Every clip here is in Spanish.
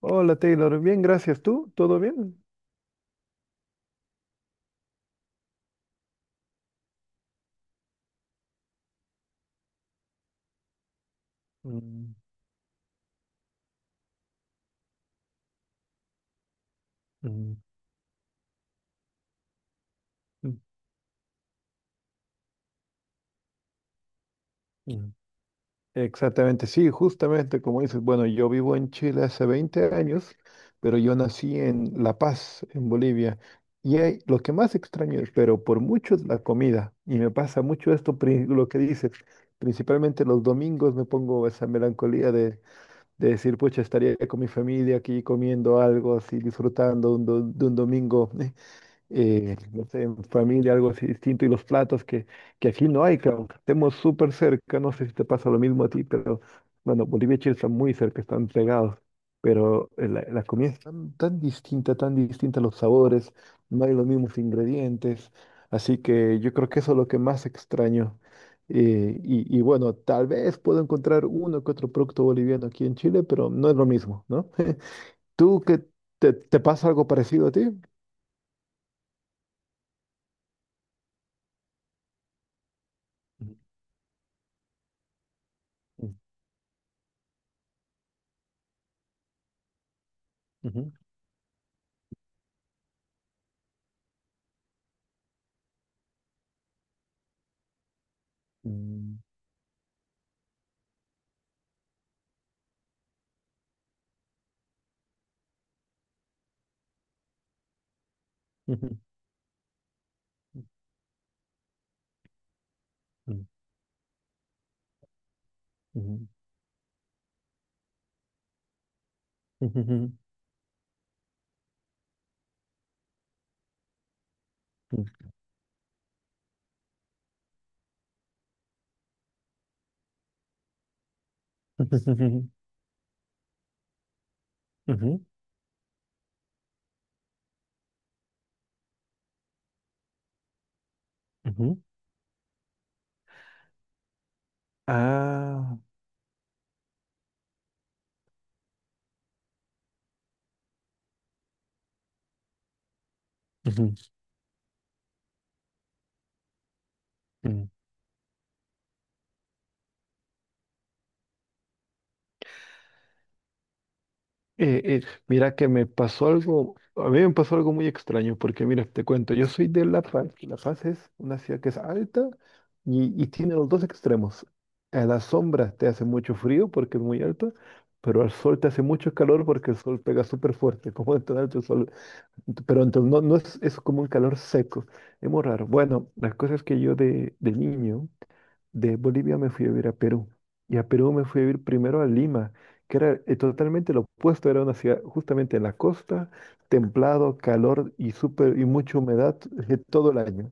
Hola Taylor, bien, gracias. ¿Tú? ¿Todo bien? Mm, mm, mm, mm. Exactamente, sí, justamente como dices, bueno, yo vivo en Chile hace 20 años, pero yo nací en La Paz, en Bolivia. Lo que más extraño, pero por mucho, es la comida. Y me pasa mucho esto, lo que dices. Principalmente los domingos me pongo esa melancolía de decir, pucha, estaría con mi familia aquí comiendo algo así, disfrutando de un domingo no sé, en familia, algo así distinto, y los platos que aquí no hay, claro, aunque estemos súper cerca. No sé si te pasa lo mismo a ti, pero bueno, Bolivia y Chile están muy cerca, están pegados, pero la comida es tan, tan distinta, los sabores, no hay los mismos ingredientes, así que yo creo que eso es lo que más extraño. Y bueno, tal vez puedo encontrar uno que otro producto boliviano aquí en Chile, pero no es lo mismo, ¿no? ¿Tú qué te pasa algo parecido a ti? Ujú, ujú. Mm. Ujú. Ujú, ujú, ujú, ujú, ujú, ujú. Ah. Ujú. Mm. Eh, eh, mira que me pasó algo, a mí me pasó algo muy extraño, porque mira, te cuento, yo soy de La Paz, y La Paz es una ciudad que es alta y tiene los dos extremos. A la sombra te hace mucho frío porque es muy alta, pero al sol te hace mucho calor porque el sol pega súper fuerte, como en todo alto el sol. Pero entonces no, no es, es como un calor seco, es muy raro. Bueno, las cosas que yo de niño, de Bolivia me fui a vivir a Perú. Y a Perú me fui a vivir primero a Lima, que era totalmente lo opuesto, era una ciudad justamente en la costa, templado, calor y súper y mucha humedad todo el año.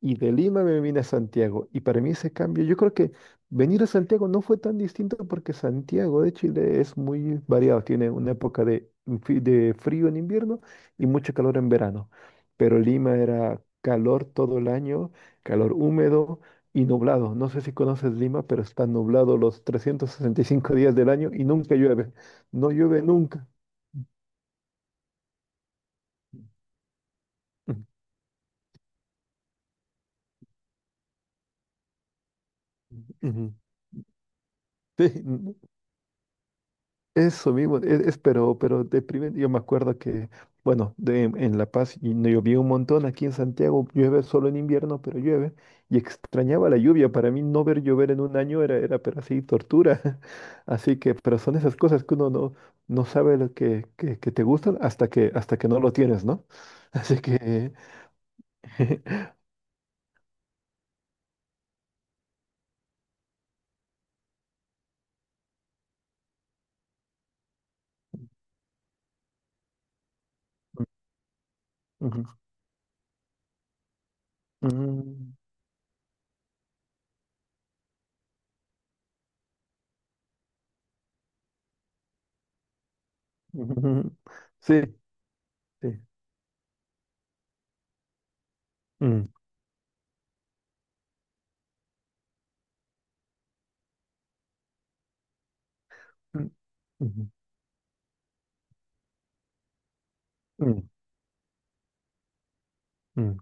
Y de Lima me vine a Santiago. Y para mí ese cambio, yo creo que venir a Santiago no fue tan distinto porque Santiago de Chile es muy variado. Tiene una época de frío en invierno y mucho calor en verano. Pero Lima era calor todo el año, calor húmedo y nublado. No sé si conoces Lima, pero está nublado los 365 días del año y nunca llueve. No llueve nunca. Ujú. Ujú. Sí, eso mismo, pero deprimente. Yo me acuerdo que, bueno, en La Paz y no llovía un montón, aquí en Santiago llueve solo en invierno, pero llueve, y extrañaba la lluvia. Para mí no ver llover en un año era, era pero así, tortura, así que, pero son esas cosas que uno no, no sabe lo que te gustan hasta que no lo tienes, ¿no? Así que, ujú, ujú, ujú, sí, sí. Mm, mm, ujú, mm, mm.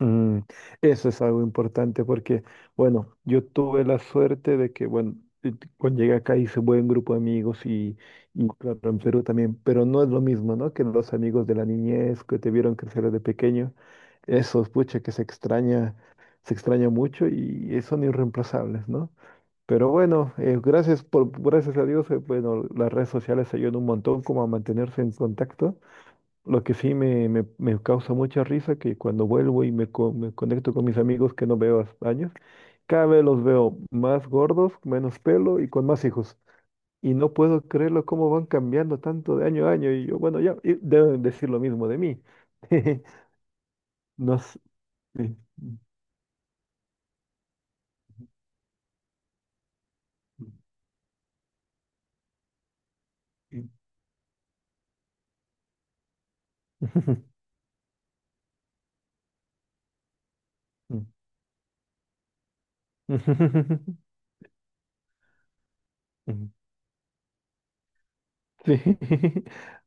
Mm, eso es algo importante porque, bueno, yo tuve la suerte de que, bueno, cuando llegué acá hice buen grupo de amigos, y claro, en Perú también, pero no es lo mismo, ¿no? Que los amigos de la niñez que te vieron crecer desde pequeño, esos, pucha, que se extraña mucho, y son irreemplazables, ¿no? Pero bueno, gracias por, gracias a Dios, bueno, las redes sociales ayudan un montón como a mantenerse en contacto. Lo que sí me causa mucha risa que cuando vuelvo y me conecto con mis amigos que no veo hace años, cada vez los veo más gordos, menos pelo y con más hijos. Y no puedo creerlo cómo van cambiando tanto de año a año. Y yo, bueno, ya y deben decir lo mismo de mí. No s- sí. Sí.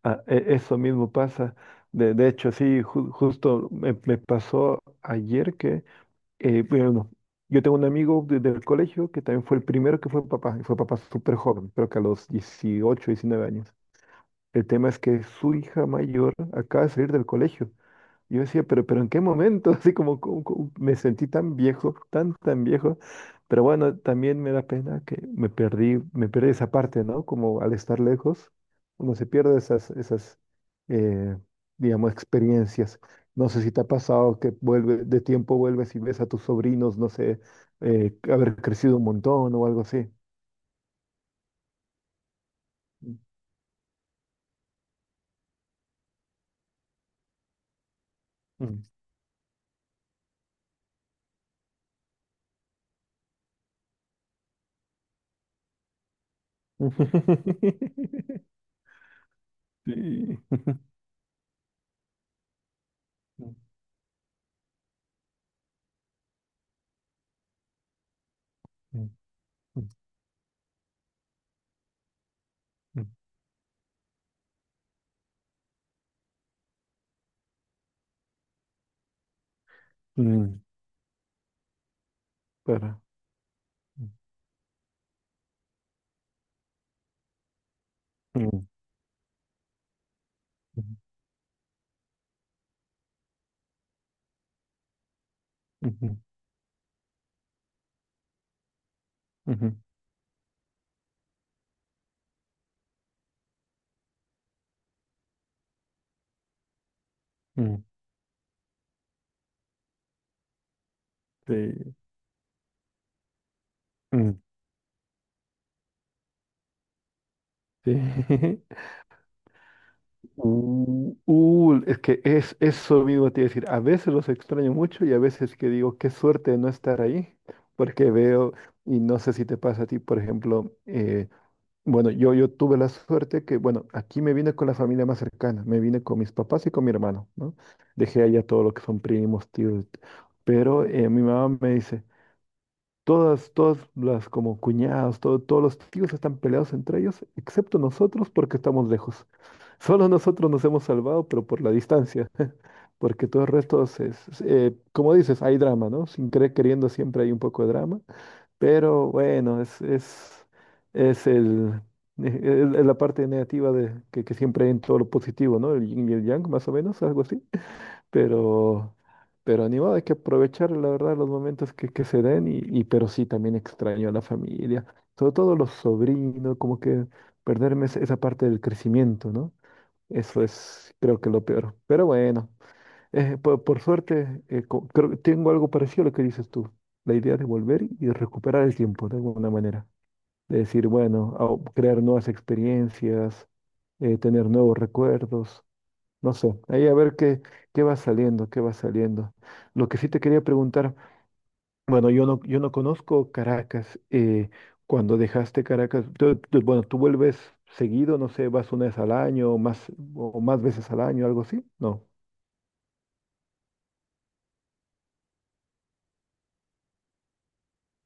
Ah, eso mismo pasa. De hecho, sí, justo me pasó ayer que... bueno, yo tengo un amigo desde el colegio que también fue el primero que fue papá, y fue papá súper joven, creo que a los 18, 19 años. El tema es que su hija mayor acaba de salir del colegio. Yo decía, pero ¿en qué momento? Así como, como me sentí tan viejo, tan, tan viejo. Pero bueno, también me da pena que me perdí esa parte, ¿no? Como al estar lejos, uno se pierde eh, digamos, experiencias. No sé si te ha pasado que vuelve, de tiempo vuelves y ves a tus sobrinos, no sé, haber crecido un montón o algo así. Mm. Sí. Mm, mm, mm, mm, mm, para. Ujú, ujú, ujú, ujú. Sí. Mm, sí. Es que es eso mismo te iba a decir. A veces los extraño mucho y a veces que digo, qué suerte de no estar ahí, porque veo, y no sé si te pasa a ti, por ejemplo, bueno, yo tuve la suerte que, bueno, aquí me vine con la familia más cercana, me vine con mis papás y con mi hermano, ¿no? Dejé allá todo lo que son primos, tíos, pero mi mamá me dice, todas, todas las como cuñados, todos los tíos están peleados entre ellos, excepto nosotros porque estamos lejos. Solo nosotros nos hemos salvado, pero por la distancia, porque todo el resto como dices, hay drama, ¿no? Sin querer queriendo siempre hay un poco de drama, pero bueno, es el, es- es la parte negativa de, que siempre hay en todo lo positivo, ¿no? El yin y el yang, más o menos, algo así. Pero, pero ni modo, hay que aprovechar, la verdad, los momentos que se den, pero sí también extraño a la familia, sobre todo los sobrinos, como que perderme esa esa parte del crecimiento, ¿no? Eso es, creo que lo peor. Pero bueno, por suerte, creo que tengo algo parecido a lo que dices tú, la idea de volver y de recuperar el tiempo de alguna manera, de decir, bueno, crear nuevas experiencias, tener nuevos recuerdos. No sé, ahí a ver qué, qué va saliendo, qué va saliendo. Lo que sí te quería preguntar, bueno, yo no conozco Caracas. Cuando dejaste Caracas, bueno, tú vuelves seguido, no sé, vas una vez al año o más veces al año, algo así, ¿no?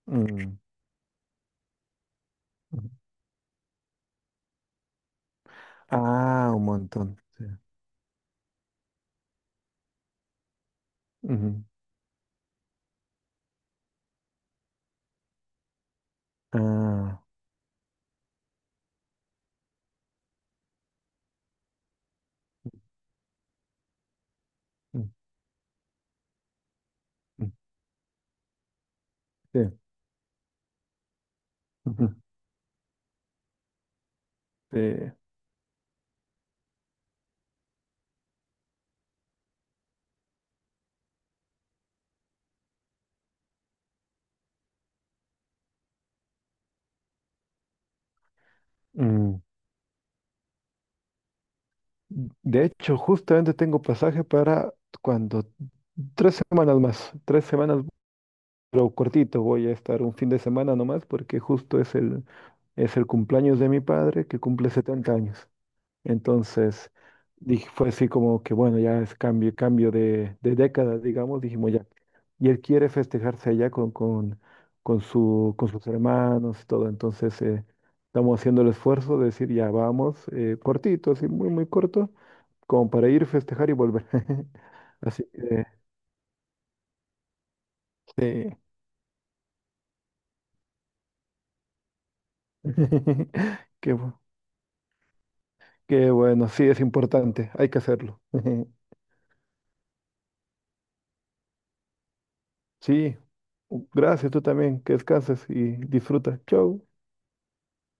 Mm, ujú. Ah, un montón. Sí. Ujú. Ah, mm, mm, sí. Ujú, sí, mm. De hecho, justamente tengo pasaje para cuando tres semanas más, tres semanas. Pero cortito, voy a estar un fin de semana nomás porque justo es el cumpleaños de mi padre que cumple 70 años. Entonces, dije, fue así como que, bueno, ya es cambio, de década, digamos, dijimos ya. Y él quiere festejarse allá con su, con sus hermanos y todo. Entonces, estamos haciendo el esfuerzo de decir, ya vamos, cortito, así muy, muy corto, como para ir, festejar y volver. Así que, sí. Qué bueno. Qué bueno, sí, es importante, hay que hacerlo. Sí, gracias, tú también, que descanses y disfruta. Chau.